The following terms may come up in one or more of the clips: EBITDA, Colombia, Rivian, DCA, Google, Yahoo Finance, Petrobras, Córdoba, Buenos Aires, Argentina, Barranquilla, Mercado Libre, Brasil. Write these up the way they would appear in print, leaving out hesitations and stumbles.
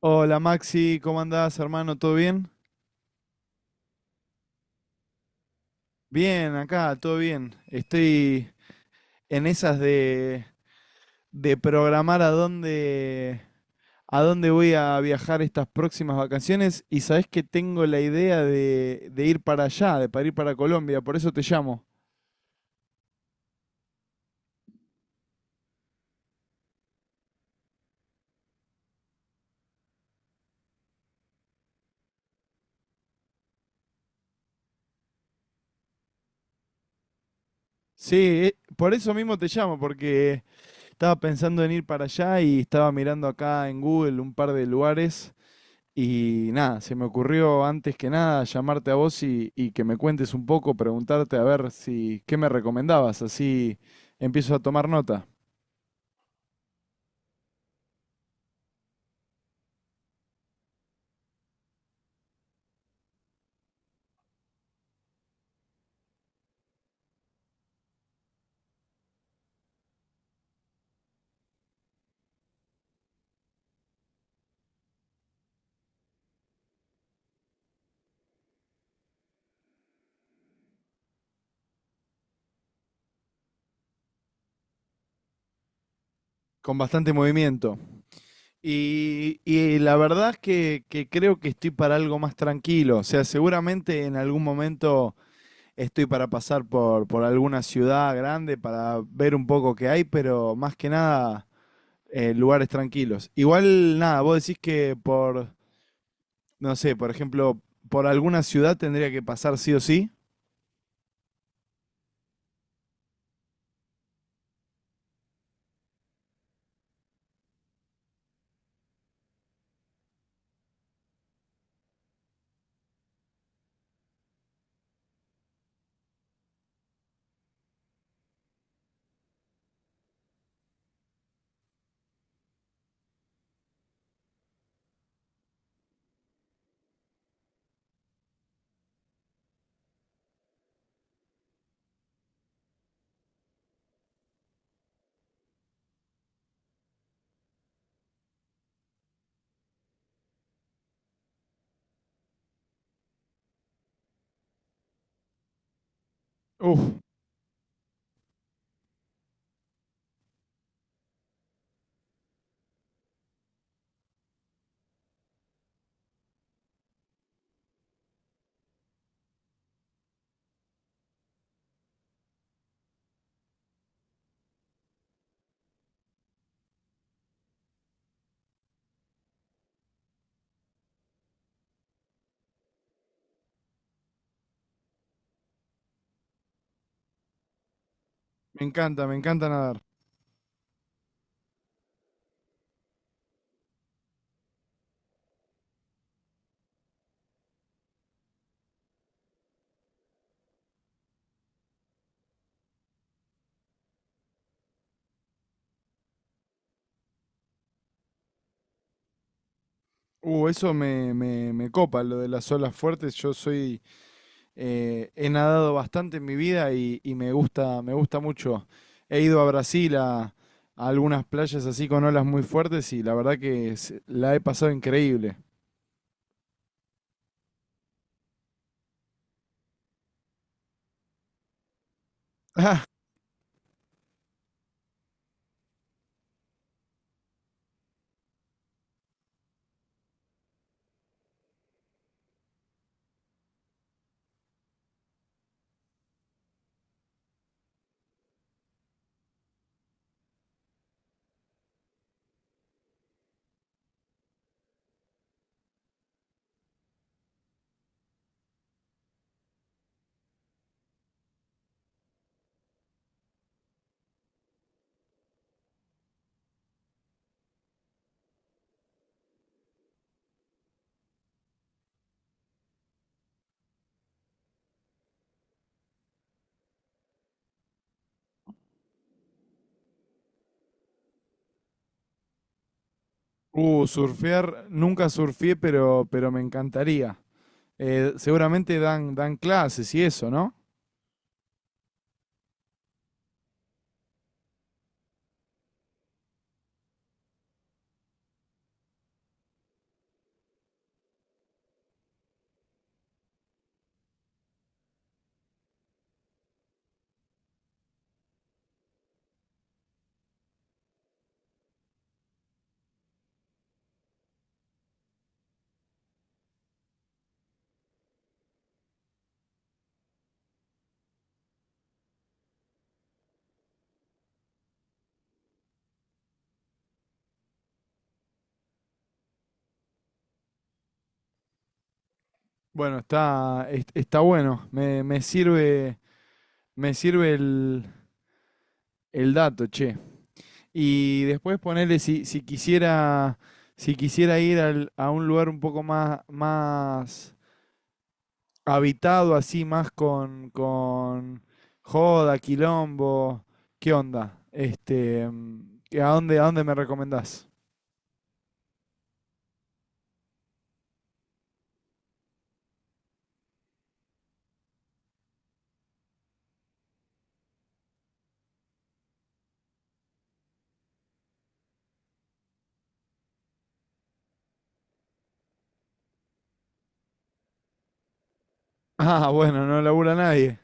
Hola Maxi, ¿cómo andás, hermano? ¿Todo bien? Bien, acá, todo bien. Estoy en esas de programar a dónde voy a viajar estas próximas vacaciones, y sabés que tengo la idea de ir para allá, de para ir para Colombia, por eso te llamo. Sí, por eso mismo te llamo, porque estaba pensando en ir para allá y estaba mirando acá en Google un par de lugares. Y nada, se me ocurrió antes que nada llamarte a vos y que me cuentes un poco, preguntarte a ver si qué me recomendabas, así empiezo a tomar nota, con bastante movimiento. Y la verdad es que creo que estoy para algo más tranquilo, o sea, seguramente en algún momento estoy para pasar por alguna ciudad grande para ver un poco qué hay, pero más que nada lugares tranquilos. Igual nada, vos decís que por no sé, por ejemplo, por alguna ciudad tendría que pasar sí o sí. Uf, me encanta nadar. Eso me copa, lo de las olas fuertes. Yo soy, he nadado bastante en mi vida y me gusta mucho. He ido a Brasil a algunas playas así con olas muy fuertes y la verdad que se- la he pasado increíble. Ah, surfear, nunca surfé, pero me encantaría. Seguramente dan clases y eso, ¿no? Bueno, está, es- está bueno. Me sirve el dato, che. Y después ponerle si quisiera, si quisiera ir al- a un lugar un poco más, más habitado, así, más con joda, quilombo, ¿qué onda? Este, ¿qué- a dónde me recomendás? Ah, bueno, no labura nadie.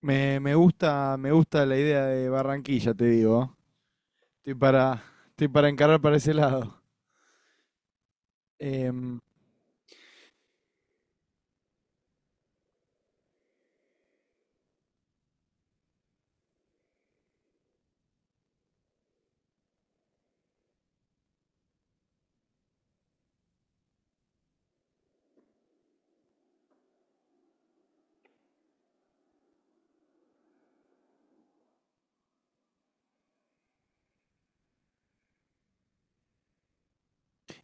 Me gusta la idea de Barranquilla, te digo. Estoy para, estoy para encarar para ese lado. Em,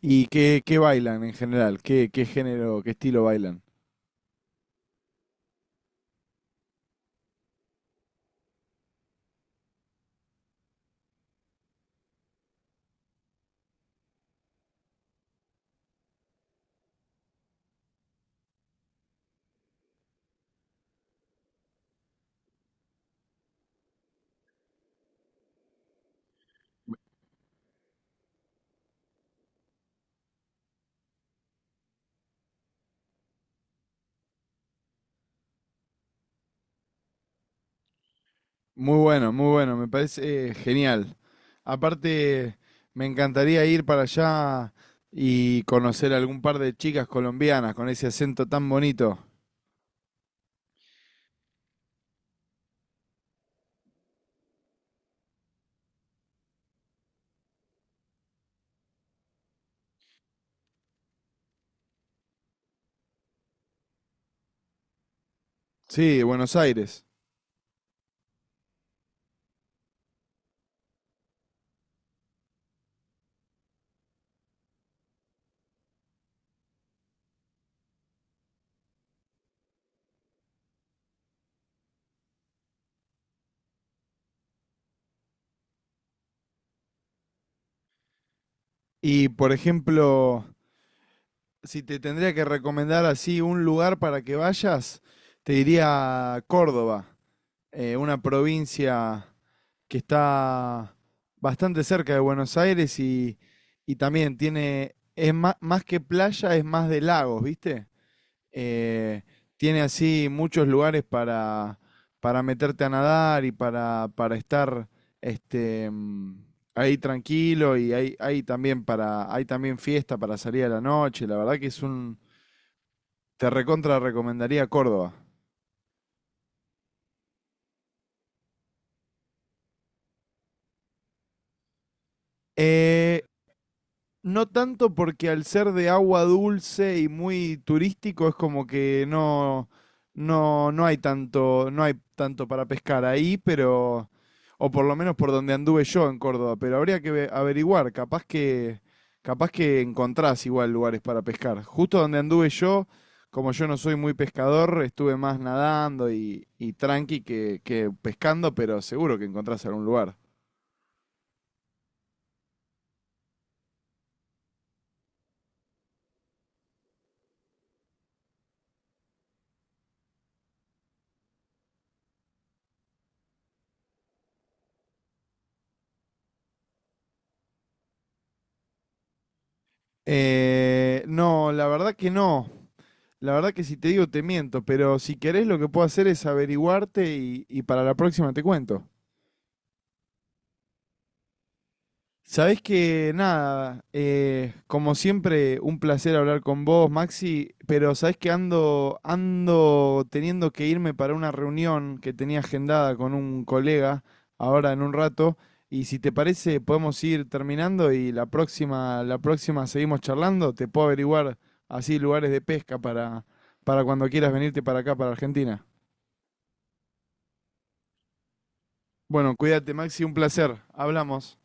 ¿Y qué, qué bailan en general? ¿Qué, qué género, qué estilo bailan? Muy bueno, muy bueno, me parece genial. Aparte, me encantaría ir para allá y conocer algún par de chicas colombianas con ese acento tan bonito. Sí, de Buenos Aires. Y por ejemplo, si te tendría que recomendar así un lugar para que vayas, te diría Córdoba, una provincia que está bastante cerca de Buenos Aires y también tiene, es más, más que playa, es más de lagos, ¿viste? Eh, tiene así muchos lugares para meterte a nadar y para estar este, ahí tranquilo y hay también para, hay también fiesta para salir a la noche. La verdad que es un, te recontra recomendaría Córdoba. Eh, No tanto porque al ser de agua dulce y muy turístico es como que no, no, no hay tanto, no hay tanto para pescar ahí, pero, o por lo menos por donde anduve yo en Córdoba, pero habría que ve- averiguar, capaz que encontrás igual lugares para pescar. Justo donde anduve yo, como yo no soy muy pescador, estuve más nadando y tranqui que pescando, pero seguro que encontrás algún lugar. No, la verdad que no. La verdad que si te digo te miento, pero si querés lo que puedo hacer es averiguarte y para la próxima te cuento. Sabés que nada, como siempre, un placer hablar con vos, Maxi, pero sabés que ando, ando teniendo que irme para una reunión que tenía agendada con un colega ahora en un rato, y si te parece podemos ir terminando y la próxima seguimos charlando, te puedo averiguar así lugares de pesca para cuando quieras venirte para acá, para Argentina. Bueno, cuídate, Maxi, un placer. Hablamos.